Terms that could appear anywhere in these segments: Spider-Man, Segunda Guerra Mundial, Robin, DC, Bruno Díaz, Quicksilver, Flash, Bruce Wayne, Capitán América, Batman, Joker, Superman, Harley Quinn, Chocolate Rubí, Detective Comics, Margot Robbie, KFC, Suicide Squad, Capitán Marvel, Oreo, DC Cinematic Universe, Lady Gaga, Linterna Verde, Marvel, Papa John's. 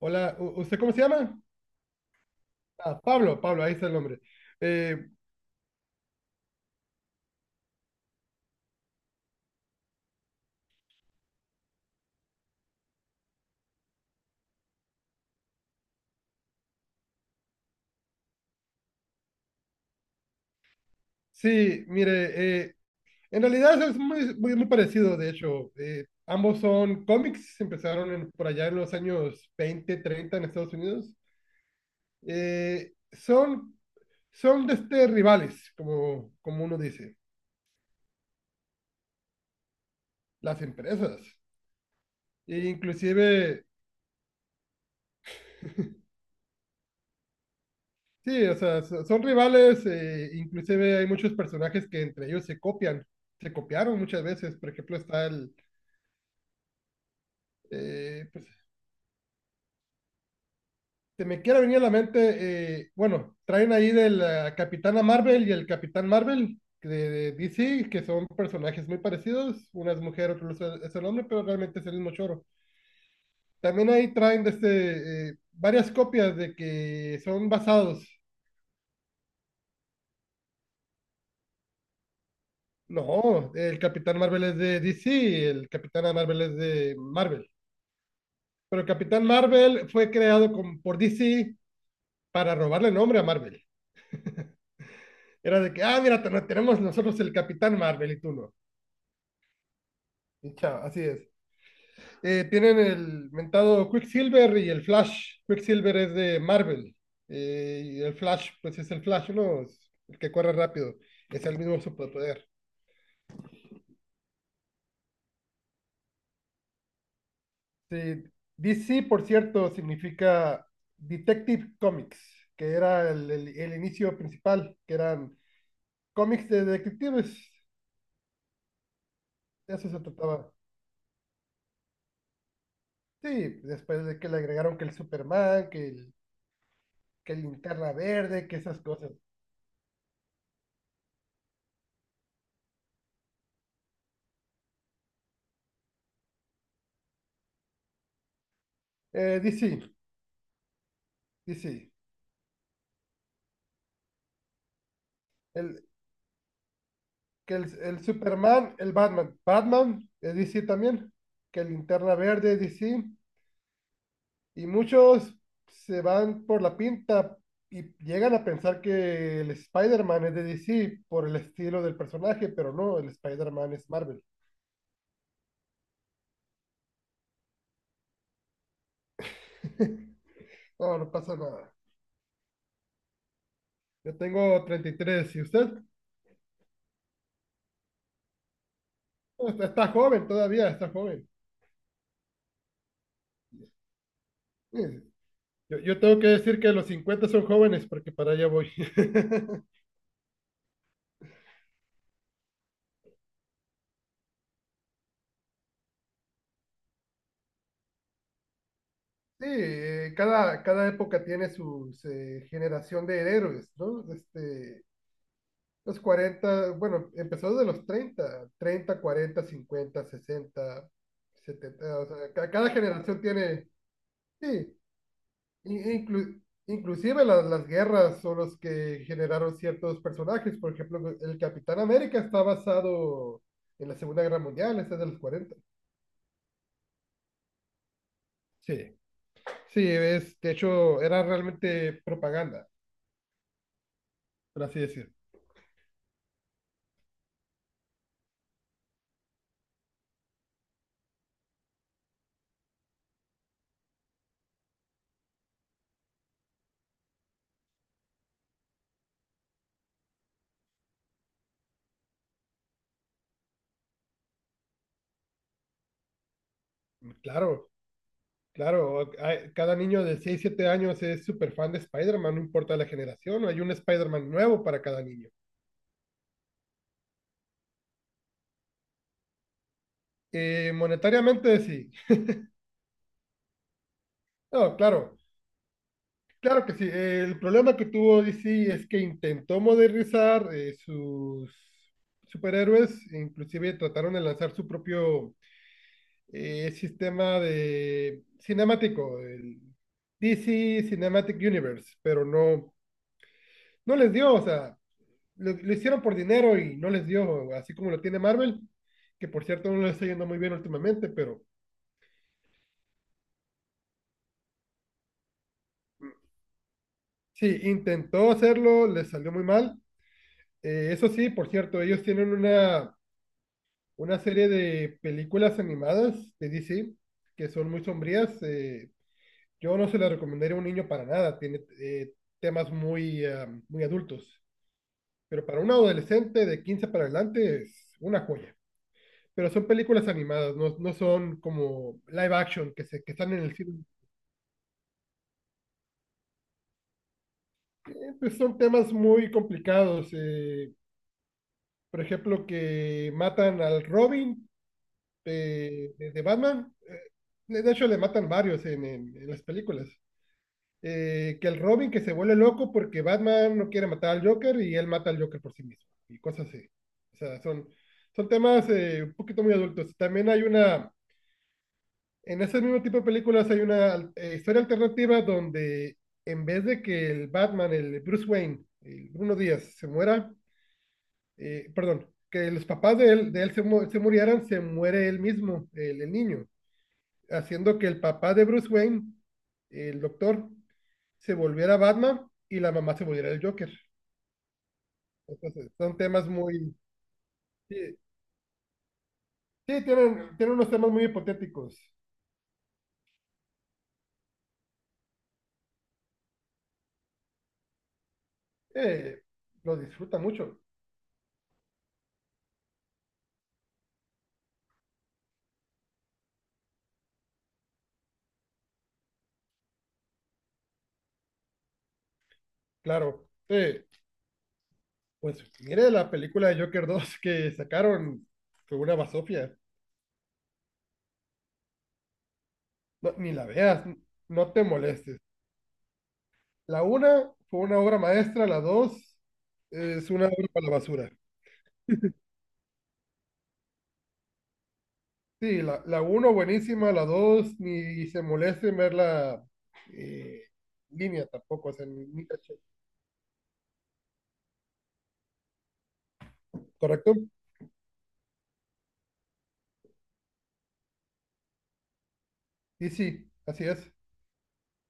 Hola, ¿usted cómo se llama? Ah, Pablo, Pablo, ahí está el nombre. Eh, sí, mire, eh, en realidad es muy, muy, muy parecido, de hecho. Ambos son cómics, por allá en los años 20, 30 en Estados Unidos. Eh, son Son rivales, como, como uno dice, las empresas. E inclusive, sí, o sea, son rivales, inclusive hay muchos personajes que entre ellos se copian, se copiaron muchas veces. Por ejemplo, eh, pues, se me quiera venir a la mente, bueno, traen ahí de la Capitana Marvel y el Capitán Marvel de DC, que son personajes muy parecidos, una es mujer, otro es el hombre, pero realmente es el mismo choro. También ahí traen varias copias de que son basados. No, el Capitán Marvel es de DC, el Capitán Marvel es de Marvel. Pero el Capitán Marvel fue creado con, por DC para robarle nombre a Marvel. Era de que, ah, mira, tenemos nosotros el Capitán Marvel y tú no. Y chao, así es. Tienen el mentado Quicksilver y el Flash. Quicksilver es de Marvel. Y el Flash, pues es el Flash, ¿no? Es el que corre rápido. Es el mismo superpoder. Sí, DC, por cierto, significa Detective Comics, que era el inicio principal, que eran cómics de detectives. De eso se trataba. Sí, después de que le agregaron que el Superman, que Linterna Verde, que esas cosas. DC, DC. El, que el Superman, el Batman. Batman, DC también. Que Linterna Verde, DC. Y muchos se van por la pinta y llegan a pensar que el Spider-Man es de DC por el estilo del personaje, pero no, el Spider-Man es Marvel. No, no pasa nada. Yo tengo 33 y tres, ¿y usted está, está joven todavía, está joven. Sí, yo tengo que decir que los 50 son jóvenes porque para allá voy. Sí, cada época tiene su generación de héroes, ¿no? Este, los cuarenta, bueno, empezó desde los 30, 30, 40, 50, 60, 70, o sea, cada generación tiene, sí, in- inclu- inclusive las guerras son los que generaron ciertos personajes. Por ejemplo, el Capitán América está basado en la Segunda Guerra Mundial, ese es de los 40. Sí, sí, es, de hecho, era realmente propaganda, por así decir. Claro, claro, hay- cada niño de 6, 7 años es súper fan de Spider-Man, no importa la generación, hay un Spider-Man nuevo para cada niño. Monetariamente, sí. No, claro, claro que sí. El problema que tuvo DC es que intentó modernizar sus superhéroes, inclusive trataron de lanzar su propio es sistema de cinemático, el DC Cinematic Universe, pero no, no les dio, o sea, lo hicieron por dinero y no les dio, así como lo tiene Marvel, que por cierto no le está yendo muy bien últimamente, pero sí, intentó hacerlo, le salió muy mal. Eso sí, por cierto, ellos tienen una serie de películas animadas de DC que son muy sombrías. Yo no se las recomendaría a un niño para nada, tiene temas muy, ah, muy adultos. Pero para un adolescente de 15 para adelante es una joya. Pero son películas animadas, no, no son como live action que, se, que están en el cine. Pues son temas muy complicados. Por ejemplo, que matan al Robin de, de Batman. De hecho, le matan varios en, en las películas. Que el Robin que se vuelve loco porque Batman no quiere matar al Joker y él mata al Joker por sí mismo. Y cosas así. O sea, son, son temas un poquito muy adultos. También hay una, en ese mismo tipo de películas hay una historia alternativa donde en vez de que el Batman, el Bruce Wayne, el Bruno Díaz se muera, perdón, que los papás de él se, se murieran, se muere él mismo, el niño, haciendo que el papá de Bruce Wayne, el doctor, se volviera Batman y la mamá se volviera el Joker. Entonces, son temas muy... Sí, sí, tienen, tienen unos temas muy hipotéticos. Eh, lo disfruta mucho, claro. Sí. Pues mire la película de Joker 2 que sacaron, fue una basofia. No, ni la veas, no te molestes. La una fue una obra maestra, la 2 es una obra para la basura. Sí, la uno buenísima, la dos ni se moleste en verla eh, en línea tampoco, o sea, ni caché. ¿Correcto? Y sí, así es.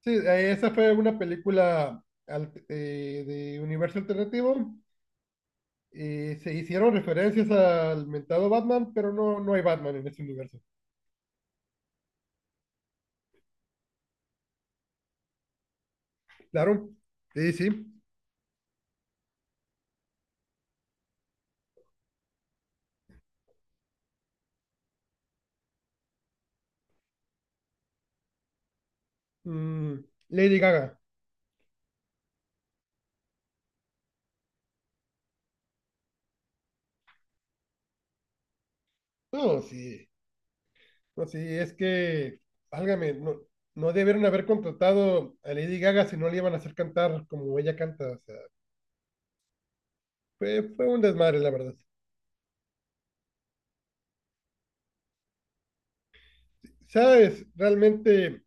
Sí, esa fue una película de universo alternativo. Se hicieron referencias al mentado Batman, pero no, no hay Batman en este universo. Claro, sí, sí. Mm, Lady Gaga. No, sí. No, sí, es que, válgame, no, no debieron haber contratado a Lady Gaga si no le iban a hacer cantar como ella canta. O sea, fue, fue un desmadre, la verdad. ¿Sabes? Realmente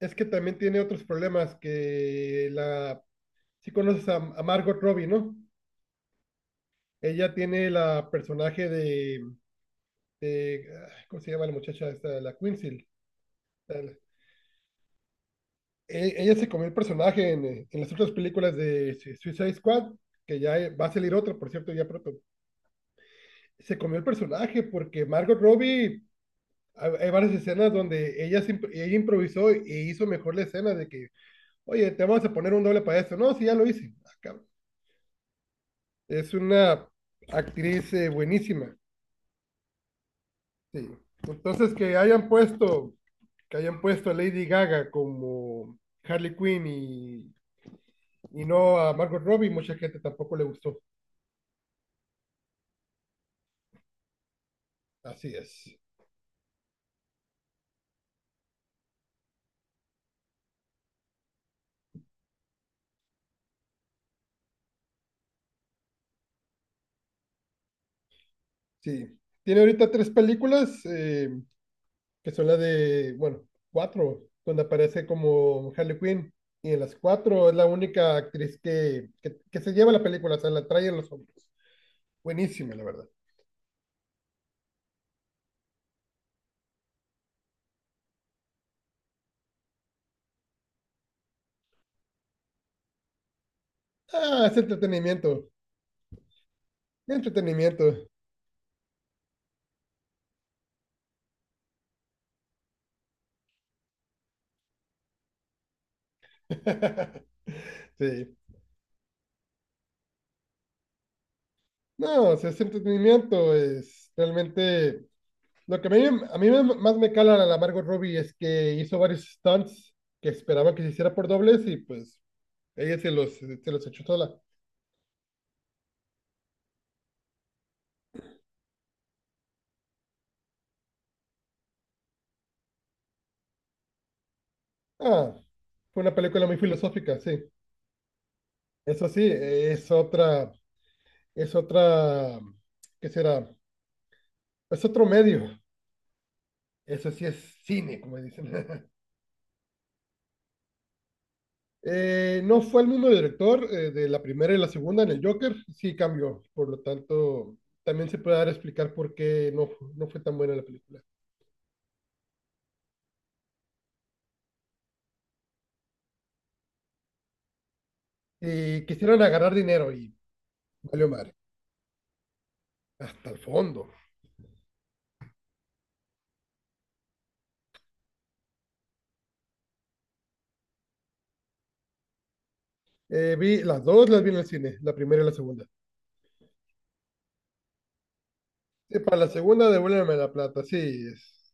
es que también tiene otros problemas que la... Si conoces a Margot Robbie, ¿no? Ella tiene la personaje de ah, ¿cómo se llama la muchacha esta? La Quincy. la- la- Ella se comió el personaje en las otras películas de Suicide Squad, que ya va a salir otra, por cierto, ya pronto. Se comió el personaje porque Margot Robbie, hay varias escenas donde ella, ella improvisó y hizo mejor la escena de que, oye, te vamos a poner un doble para esto. No, sí, ya lo hice. Ah, cabrón. Es una actriz buenísima. Sí. Entonces, que hayan puesto a Lady Gaga como Harley Quinn y no a Margot Robbie, mucha gente tampoco le gustó. Así es. Sí. Tiene ahorita 3 películas, que son las de, bueno, cuatro, donde aparece como Harley Quinn. Y en las cuatro es la única actriz que se lleva la película, o sea, la trae en los hombros. Buenísima, la verdad. Ah, es entretenimiento. Entretenimiento. Sí. No, o sea, es entretenimiento. Es realmente, lo que a mí más me cala a la Margot Robbie es que hizo varios stunts que esperaba que se hiciera por dobles y pues ella se los echó sola. Ah, fue una película muy filosófica, sí. Eso sí, es otra, ¿qué será? Es otro medio. Eso sí es cine, como dicen. No fue el mismo director de la primera y la segunda en el Joker, sí cambió. Por lo tanto, también se puede dar a explicar por qué no, no fue tan buena la película. Y quisieron agarrar dinero y valió madre, hasta el fondo. Vi las dos, las vi en el cine, la primera y la segunda. Para la segunda, devuélveme la plata, sí, es,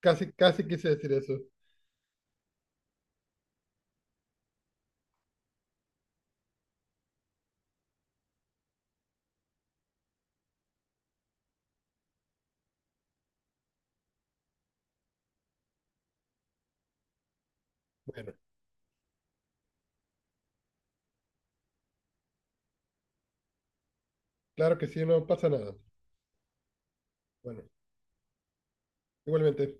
casi, casi quise decir eso. Bueno, claro que sí, no pasa nada. Bueno, igualmente.